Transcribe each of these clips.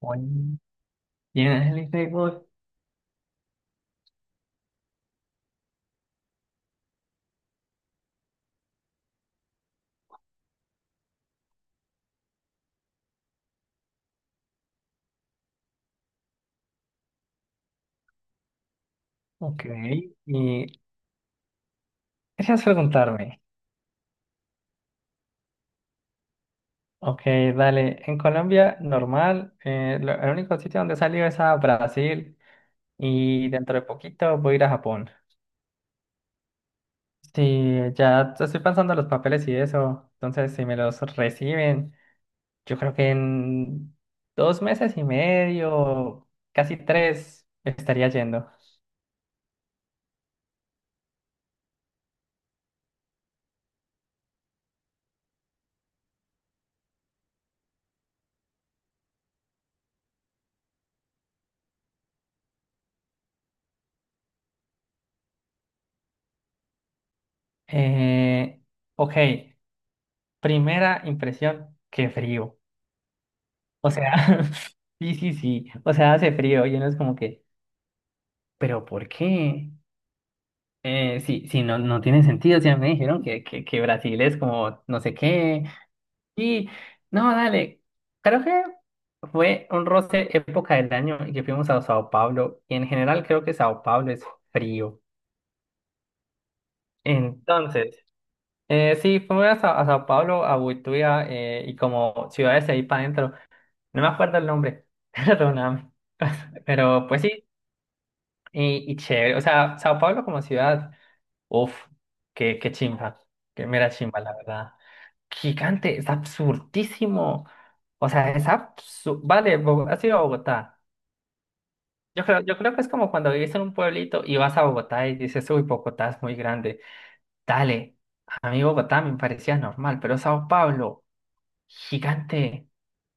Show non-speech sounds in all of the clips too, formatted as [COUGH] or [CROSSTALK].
Muy bien, el Facebook. Ok. Y gracias por preguntarme. Ok, dale. En Colombia, normal. El único sitio donde he salido es a Brasil. Y dentro de poquito voy a ir a Japón. Sí, ya estoy pensando en los papeles y eso. Entonces, si me los reciben, yo creo que en 2 meses y medio, casi tres, estaría yendo. Eh, ok. Primera impresión, qué frío. O sea, [LAUGHS] sí, sí, sí. O sea, hace frío y uno es como que, ¿pero por qué? Sí, sí, no, no tiene sentido. O sea, me dijeron que Brasil es como no sé qué. Y no, dale. Creo que fue un roce época del año y que fuimos a Sao Paulo. Y en general creo que Sao Paulo es frío. Entonces, sí, fuimos a Sao Paulo, a Buituia y como ciudades ahí para adentro. No me acuerdo el nombre. [LAUGHS] Perdóname. [LAUGHS] Pero pues sí. Y chévere, o sea, Sao Paulo como ciudad, uff, qué chimba, qué mera chimba, la verdad. Gigante, es absurdísimo. O sea, es absurdo. Vale, has ido a Bogotá. Yo creo que es como cuando vivís en un pueblito y vas a Bogotá y dices, uy, Bogotá es muy grande. Dale, a mí Bogotá me parecía normal, pero Sao Paulo, gigante.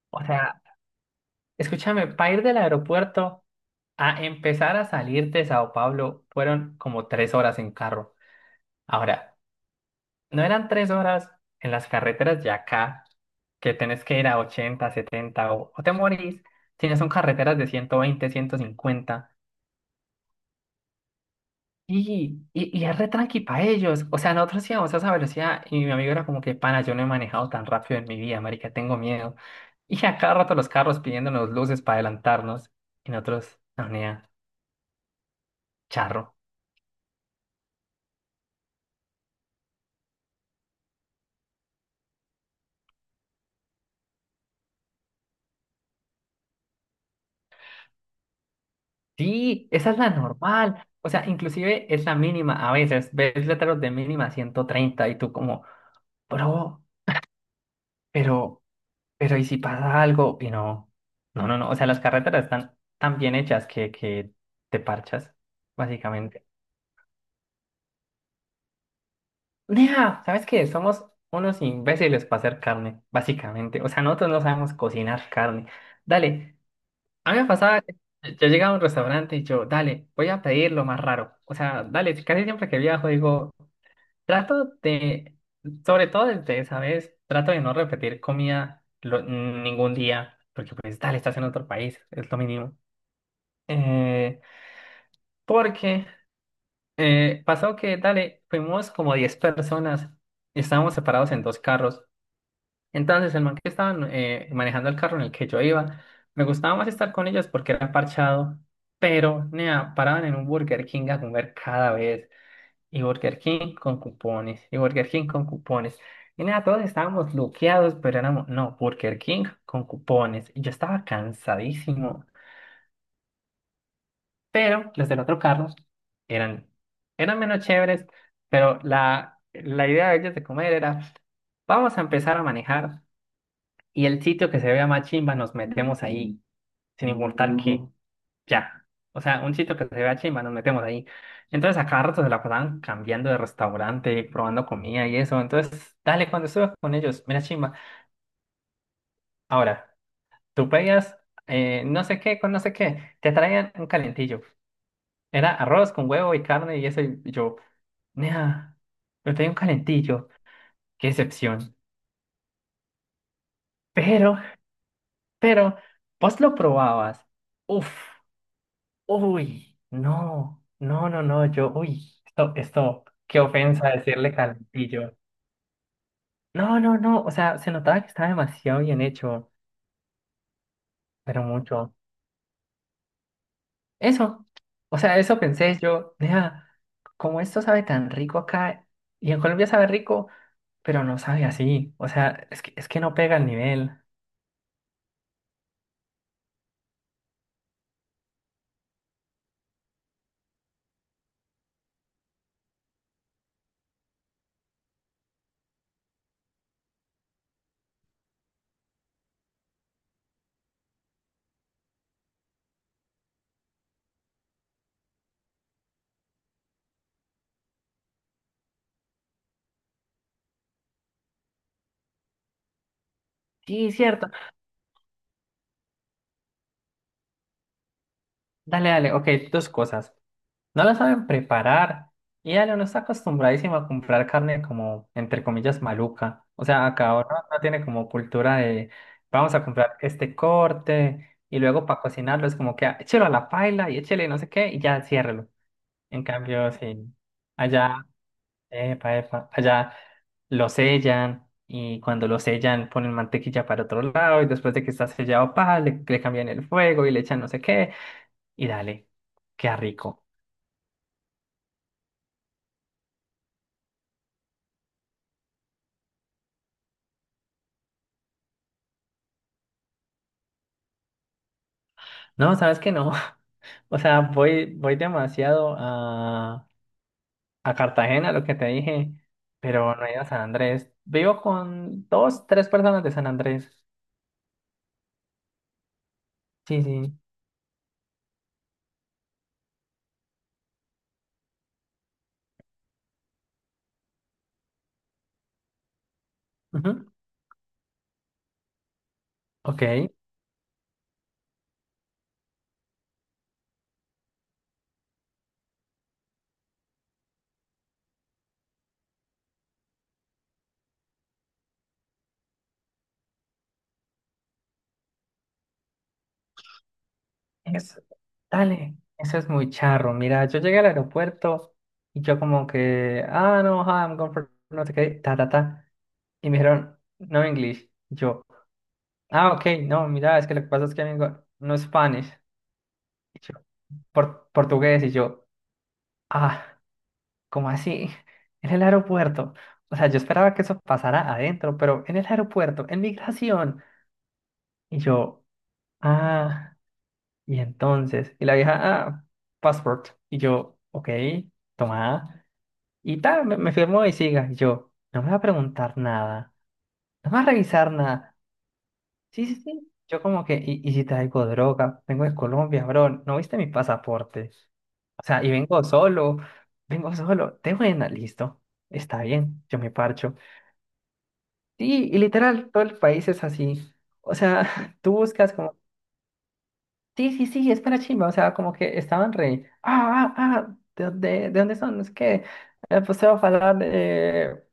O sea, escúchame, para ir del aeropuerto a empezar a salir de Sao Paulo fueron como 3 horas en carro. Ahora, No eran 3 horas en las carreteras de acá, que tenés que ir a 80 70 o te morís, sino son carreteras de 120 150. Y es re tranqui para ellos. O sea, nosotros íbamos a esa velocidad y mi amigo era como que, pana, yo no he manejado tan rápido en mi vida, marica, tengo miedo. Y a cada rato los carros pidiéndonos luces para adelantarnos y nosotros, no, nea, charro. Sí, esa es la normal. O sea, inclusive es la mínima. A veces ves letreros de mínima 130 y tú como, bro, Pero, pero ¿y si pasa algo? Y no, no, no, no. O sea, las carreteras están tan bien hechas que te parchas, básicamente. Nea, ¿sabes qué? Somos unos imbéciles para hacer carne, básicamente. O sea, nosotros no sabemos cocinar carne. Dale, a mí me pasaba que yo llegaba a un restaurante y yo, dale, voy a pedir lo más raro. O sea, dale, casi siempre que viajo digo, Trato de, sobre todo desde esa vez, trato de no repetir comida ningún día, porque pues dale, estás en otro país, es lo mínimo. Eh, Porque pasó que, dale, fuimos como 10 personas y estábamos separados en dos carros. Entonces el man que estaba manejando el carro en el que yo iba, me gustaba más estar con ellos porque era parchado, pero nea, paraban en un Burger King a comer cada vez. Y Burger King con cupones. Y Burger King con cupones. Y nada, todos estábamos bloqueados, pero éramos, no, Burger King con cupones. Y yo estaba cansadísimo. Pero los del otro carro eran, eran menos chéveres, pero la idea de ellos de comer era, vamos a empezar a manejar y el sitio que se vea más chimba nos metemos ahí, sin importar qué. Ya. O sea, un sitio que se vea chimba, nos metemos ahí. Entonces, a cada rato se la pasaban cambiando de restaurante, probando comida y eso. Entonces, dale, cuando estuve con ellos, mira chimba. Ahora, tú pedías no sé qué con no sé qué, te traían un calentillo. Era arroz con huevo y carne y eso. Y yo, nea, me traía un calentillo, qué excepción. Pero, pero, vos lo probabas. Uf. Uy, no, no, no, no, yo, uy, esto, qué ofensa decirle calentillo. No, no, no, o sea, se notaba que estaba demasiado bien hecho, pero mucho. Eso, o sea, eso pensé yo, nea, como esto sabe tan rico acá, y en Colombia sabe rico, pero no sabe así, o sea, es que no pega el nivel. Sí, cierto. Dale, dale, ok, dos cosas. No la saben preparar. Y Ale no está acostumbradísimo a comprar carne como, entre comillas, maluca. O sea, acá ahora no tiene como cultura de vamos a comprar este corte y luego para cocinarlo es como que "Ah, échelo a la paila y échele no sé qué y ya ciérrelo." En cambio, sí, allá, epa, epa, allá lo sellan y cuando lo sellan ponen mantequilla para otro lado y después de que está sellado, pa, le cambian el fuego y le echan no sé qué y dale, queda rico. No, ¿sabes qué no? [LAUGHS] O sea, voy demasiado a Cartagena, lo que te dije, pero no he ido a San Andrés. Vivo con dos, tres personas de San Andrés. Sí, sí. Ujú. Ok. Es, dale, eso es muy charro. Mira, yo llegué al aeropuerto y yo como que, ah, no, hi, I'm going for no sé qué, ta, ta, ta. Y me dijeron, no English. Y yo, ah, ok, no, mira, es que lo que pasa es que vengo, no Spanish. Y yo, portugués." Y yo, ah. ¿Cómo así? [LAUGHS] En el aeropuerto. O sea, yo esperaba que eso pasara adentro, pero en el aeropuerto, en migración. Y yo, ah, y entonces. Y la vieja, ah, passport. Y yo, ok, toma. Y tal, me firmó y siga. Y yo, no me va a preguntar nada. No me va a revisar nada. Sí, sí, sí. Yo como que, ¿y si traigo droga? Vengo de Colombia, bro. ¿No viste mi pasaporte? O sea, y vengo solo, de buena, listo, está bien, yo me parcho. Sí, y literal, todo el país es así. O sea, [LAUGHS] tú buscas como, sí, sí, sí, es para chimba. O sea, como que estaban re, ¿de dónde son? Es que, pues se va a hablar de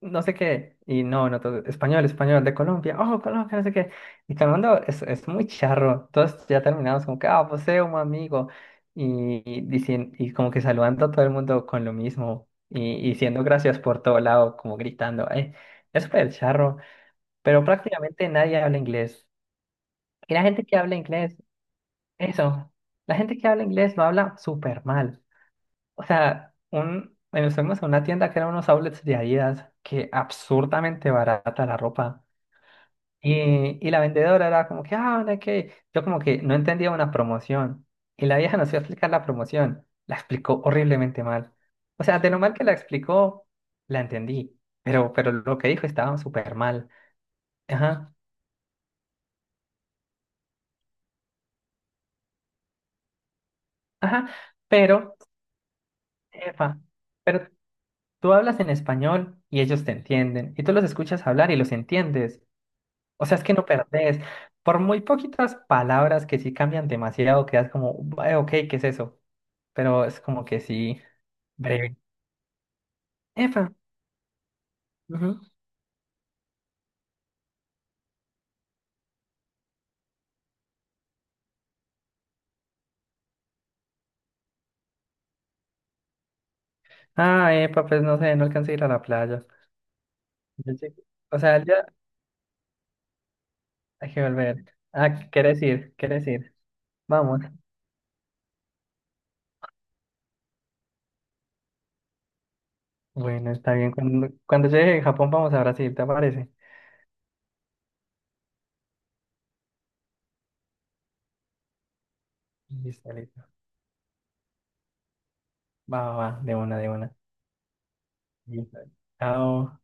no sé qué. Y no, no, todo, español, español, de Colombia, oh, Colombia, no sé qué. Y todo el mundo es muy charro. Todos ya terminamos como que, ah, pues un amigo. Y como que saludando a todo el mundo con lo mismo. Y diciendo gracias por todo lado, como gritando, es súper charro pero prácticamente nadie habla inglés. Y la gente que habla inglés, eso, la gente que habla inglés lo habla súper mal. O sea, bueno, fuimos a una tienda que eran unos outlets de Adidas, que absurdamente barata la ropa. Y la vendedora era como que, ah, no que... Yo como que no entendía una promoción. Y la vieja nos iba a explicar la promoción. La explicó horriblemente mal. O sea, de lo mal que la explicó, la entendí. Pero lo que dijo estaba súper mal. Ajá, ajá. Pero... Epa, pero tú hablas en español y ellos te entienden, y tú los escuchas hablar y los entiendes. O sea, es que no perdés. Por muy poquitas palabras que sí cambian demasiado, quedas como, ok, ¿qué es eso?" Pero es como que sí, breve. Epa, ujú. Ah, epa, pues no sé, no alcancé a ir a la playa. Yo llegué- O sea, ya hay que volver. Ah, ¿quieres ir? ¿Quieres ir? Vamos. Bueno, está bien. Cuando llegue a Japón, vamos a Brasil, ¿te parece? Listo, listo. Va, va, va, de una, de una. Chao.